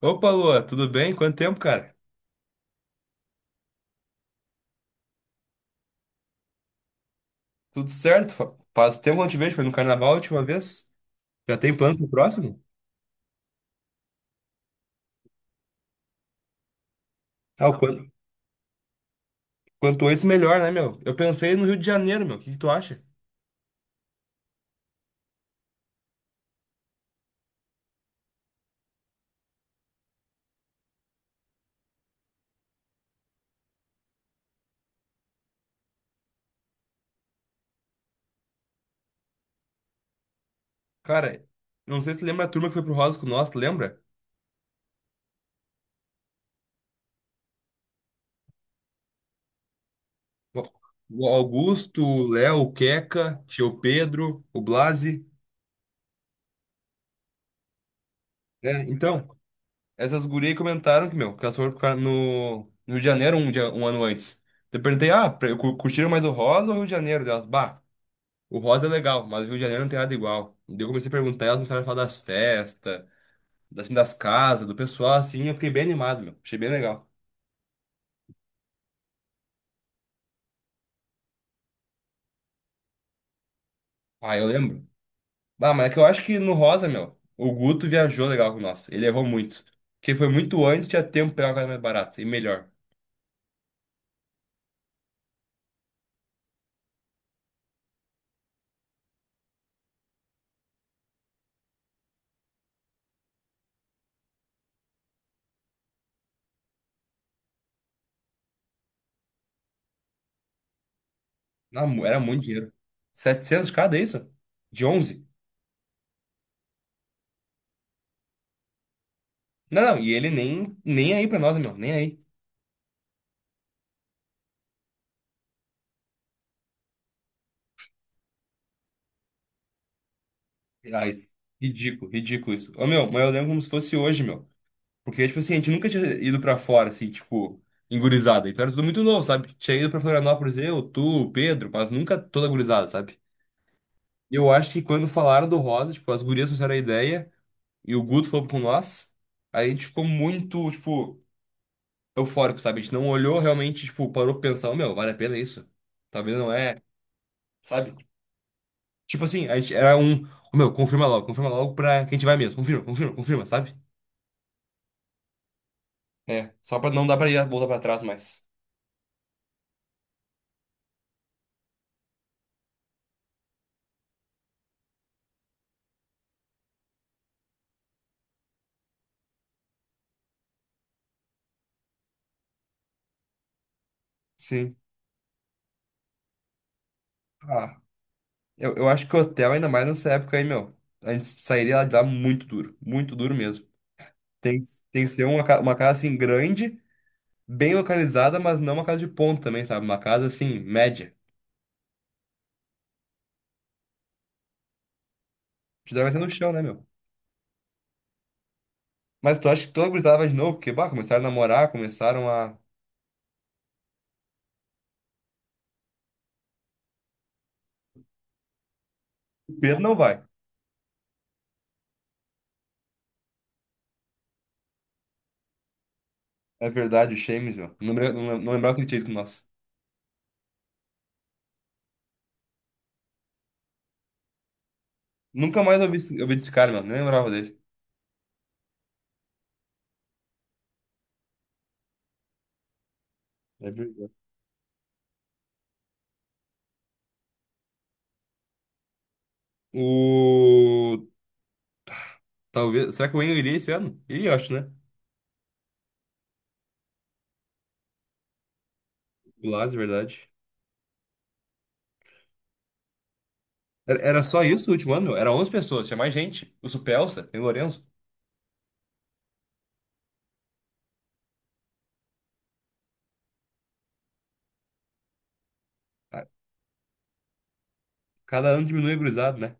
Opa, Lua, tudo bem? Quanto tempo, cara? Tudo certo? Faz tempo que eu não te vejo, foi no carnaval a última vez. Já tem plano pro próximo? Ah, quanto antes melhor, né, meu? Eu pensei no Rio de Janeiro, meu. O que que tu acha? Cara, não sei se tu lembra a turma que foi pro Rosa com nós, tu lembra? O o Augusto, o Léo, o Queca, tio Pedro, o Blasi. Né? Então, essas gurias aí comentaram que, meu, que elas foram no Rio de Janeiro um ano antes. Eu perguntei, ah, curtiram mais o Rosa ou o Rio de Janeiro delas? Bah. O Rosa é legal, mas o Rio de Janeiro não tem nada igual. E daí eu comecei a perguntar, elas começaram a falar das festas, assim, das casas, do pessoal, assim, eu fiquei bem animado, meu. Achei bem legal. Ah, eu lembro. Ah, mas é que eu acho que no Rosa, meu, o Guto viajou legal com nós. Ele errou muito. Porque foi muito antes, tinha tempo pra pegar uma casa mais barata e melhor. Não, era muito dinheiro. 700 de cada, é isso? De 11? Não, não, e ele nem, nem aí pra nós, meu, nem aí. Ah, isso. Ridículo, ridículo isso. Ô, meu, mas eu lembro como se fosse hoje, meu. Porque, tipo assim, a gente nunca tinha ido pra fora, assim, tipo, em gurizada. Então era tudo muito novo, sabe? Tinha ido pra Florianópolis, eu, tu, Pedro, mas nunca toda gurizada, sabe? E eu acho que quando falaram do Rosa, tipo, as gurias fizeram a ideia e o Guto falou com nós, aí a gente ficou muito, tipo, eufórico, sabe? A gente não olhou realmente, tipo, parou pra pensar, "Ô, meu, vale a pena isso? Talvez não é, sabe? Tipo assim, a gente era um, "Ô, meu, confirma logo pra quem a gente vai mesmo, confirma, confirma, confirma, sabe? É, só pra não dar pra ir voltar pra trás mais. Sim. Ah. Eu acho que hotel, ainda mais nessa época aí, meu, a gente sairia lá de lá muito duro mesmo. Tem, tem que ser uma, uma casa assim grande, bem localizada, mas não uma casa de ponto também, sabe? Uma casa assim, média. Te dá vai ser no chão, né, meu? Mas tu acha que toda gurizada vai de novo? Porque, bah, começaram a namorar, começaram a. O Pedro não vai. É verdade, o Shames, meu. Não, não, não lembrava que ele tinha ido com nós. Nunca mais ouvi, ouvi desse cara, meu. Nem lembrava dele. É verdade. O. Talvez. Será que o Wayne iria esse ano? Iria, eu acho, né? Do lado, de verdade. Era só isso o último ano, meu? Era 11 pessoas, tinha mais gente. O Supelsa, tem o Lourenço. A- Cada ano diminui a gurizado, né?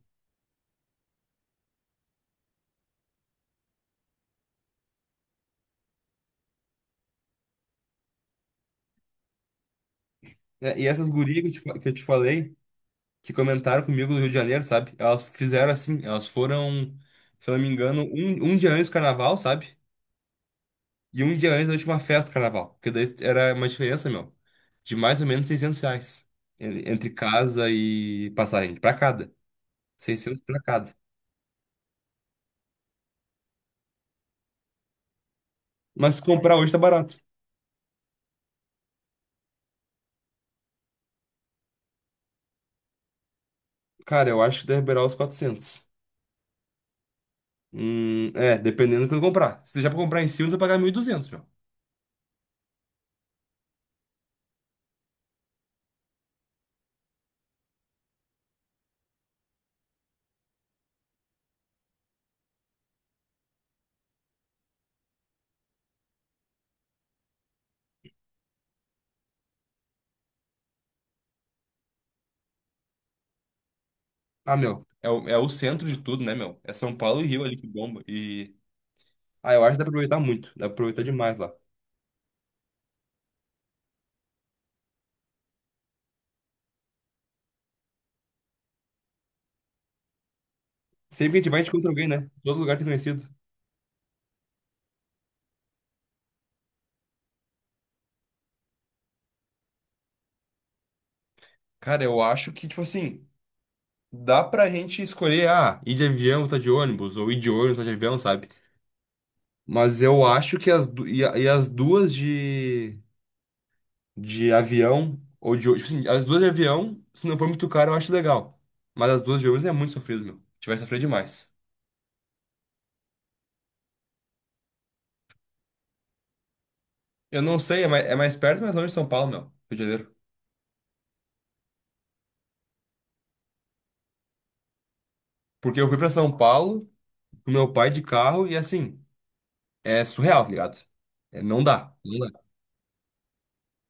É. E essas gurias que que eu te falei, que comentaram comigo do Rio de Janeiro, sabe? Elas fizeram assim, elas foram, se eu não me engano, um dia antes do carnaval, sabe? E um dia antes da última festa do carnaval. Porque daí era uma diferença, meu, de mais ou menos 600 reais entre casa e passagem, pra cada. 600 pra cada. Mas se comprar hoje tá barato. Cara, eu acho que deve beirar os 400. É, dependendo do que eu comprar. Se já pra comprar em cima, tu vai pagar 1.200, meu. Ah, meu, é o centro de tudo, né, meu? É São Paulo e Rio ali que bomba. E. Ah, eu acho que dá pra aproveitar muito. Dá pra aproveitar demais lá. Sempre que a gente vai, a gente encontra alguém, né? Todo lugar tem conhecido. Cara, eu acho que, tipo assim, dá pra gente escolher, ah, ir de avião, tá de ônibus, ou ir de ônibus, tá de avião, sabe? Mas eu acho que as, e, e as duas de. Avião ou de ônibus. Tipo assim, as duas de avião, se não for muito caro, eu acho legal. Mas as duas de ônibus é muito sofrido, meu. Tiver sofrido demais. Eu não sei, é mais perto, mas é longe de São Paulo, meu. Rio de Janeiro. Porque eu fui pra São Paulo com meu pai de carro e assim, é surreal, tá ligado? É, não dá, não dá.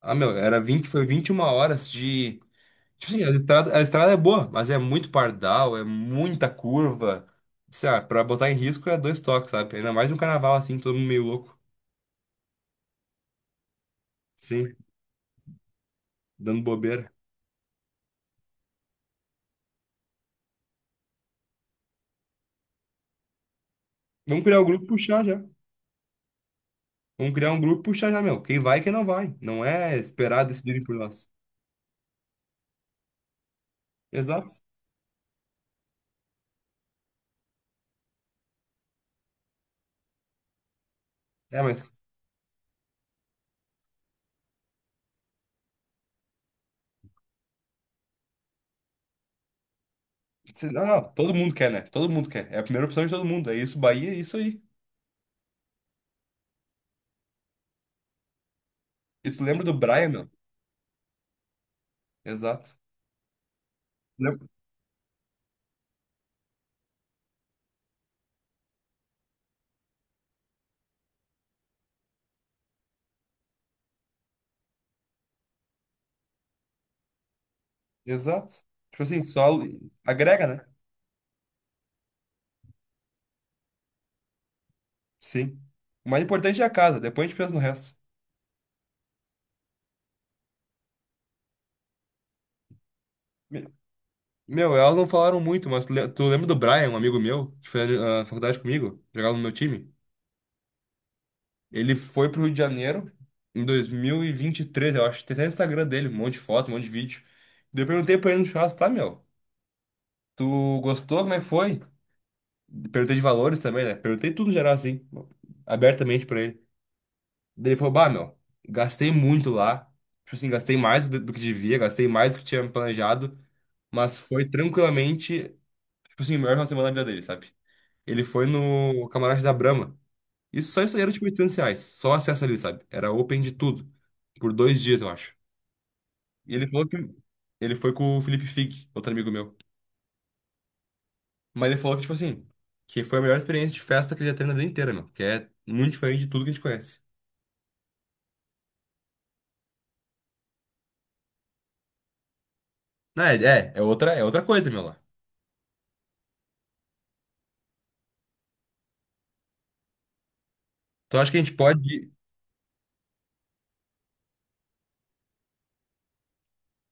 Ah, meu, era 20 foi 21 horas de. Tipo assim, a estrada é boa, mas é muito pardal, é muita curva. Sei lá, pra botar em risco é dois toques, sabe? Ainda mais um carnaval assim, todo mundo meio louco. Sim, dando bobeira. Vamos criar o grupo e puxar já. Vamos criar um grupo e puxar já, meu. Quem vai e quem não vai. Não é esperar decidirem por nós. Exato. É, mas. Não, não, todo mundo quer, né? Todo mundo quer. É a primeira opção de todo mundo. É isso, Bahia, é isso aí. E tu lembra do Brian, meu? Exato. Lembra? Exato. Tipo assim, só agrega, né? Sim. O mais importante é a casa, depois a gente pensa no resto. Me- Meu, elas não falaram muito, mas tu lembra do Brian, um amigo meu, que foi na faculdade comigo, jogava no meu time? Ele foi pro Rio de Janeiro em 2023, eu acho. Tem até o Instagram dele, um monte de foto, um monte de vídeo. Daí eu perguntei pra ele no churrasco, tá, meu? Tu gostou? Como é que foi? Perguntei de valores também, né? Perguntei tudo no geral, assim, abertamente pra ele. Daí ele falou, bah, meu, gastei muito lá. Tipo assim, gastei mais do que devia, gastei mais do que tinha planejado. Mas foi tranquilamente, tipo assim, o melhor final de semana da vida dele, sabe? Ele foi no camarote da Brahma. Isso Só isso aí era tipo R$ 800. Só o acesso ali, sabe? Era open de tudo. Por 2 dias, eu acho. E ele falou que. Ele foi com o Felipe Fig, outro amigo meu. Mas ele falou que, tipo assim, que foi a melhor experiência de festa que ele já teve na vida inteira, meu. Que é muito diferente de tudo que a gente conhece. Não, é, é outra, é outra coisa, meu, lá. Então acho que a gente pode.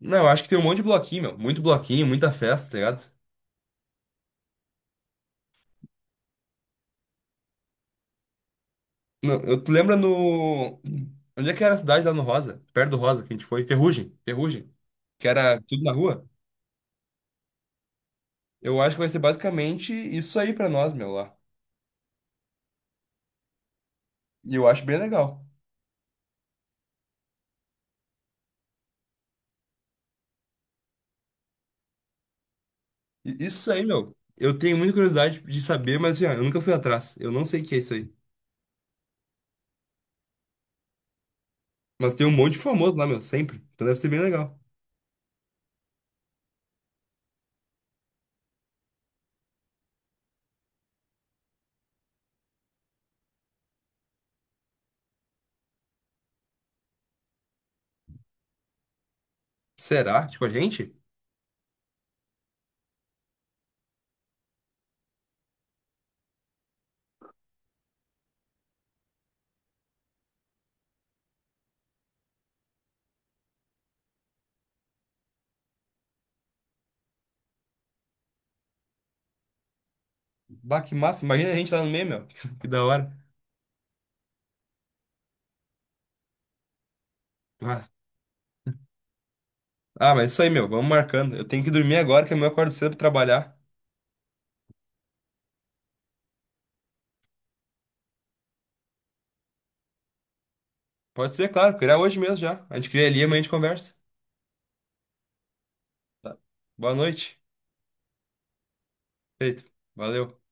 Não, eu acho que tem um monte de bloquinho, meu. Muito bloquinho, muita festa, tá ligado? Não, eu tu lembra no. Onde é que era a cidade lá no Rosa? Perto do Rosa que a gente foi? Ferrugem, Ferrugem. Que era tudo na rua? Eu acho que vai ser basicamente isso aí pra nós, meu, lá. E eu acho bem legal. Isso aí, meu. Eu tenho muita curiosidade de saber, mas assim, ó, eu nunca fui atrás. Eu não sei o que é isso aí. Mas tem um monte de famoso lá, meu, sempre. Então deve ser bem legal. Será? Tipo, a gente? Bah, que massa. Imagina a gente lá no meio, meu. Que da hora. Ah, ah, mas isso aí, meu. Vamos marcando. Eu tenho que dormir agora, que amanhã eu acordo cedo pra trabalhar. Pode ser, claro. Criar hoje mesmo já. A gente cria ali, amanhã a gente conversa. Tá. Boa noite. Feito. Valeu.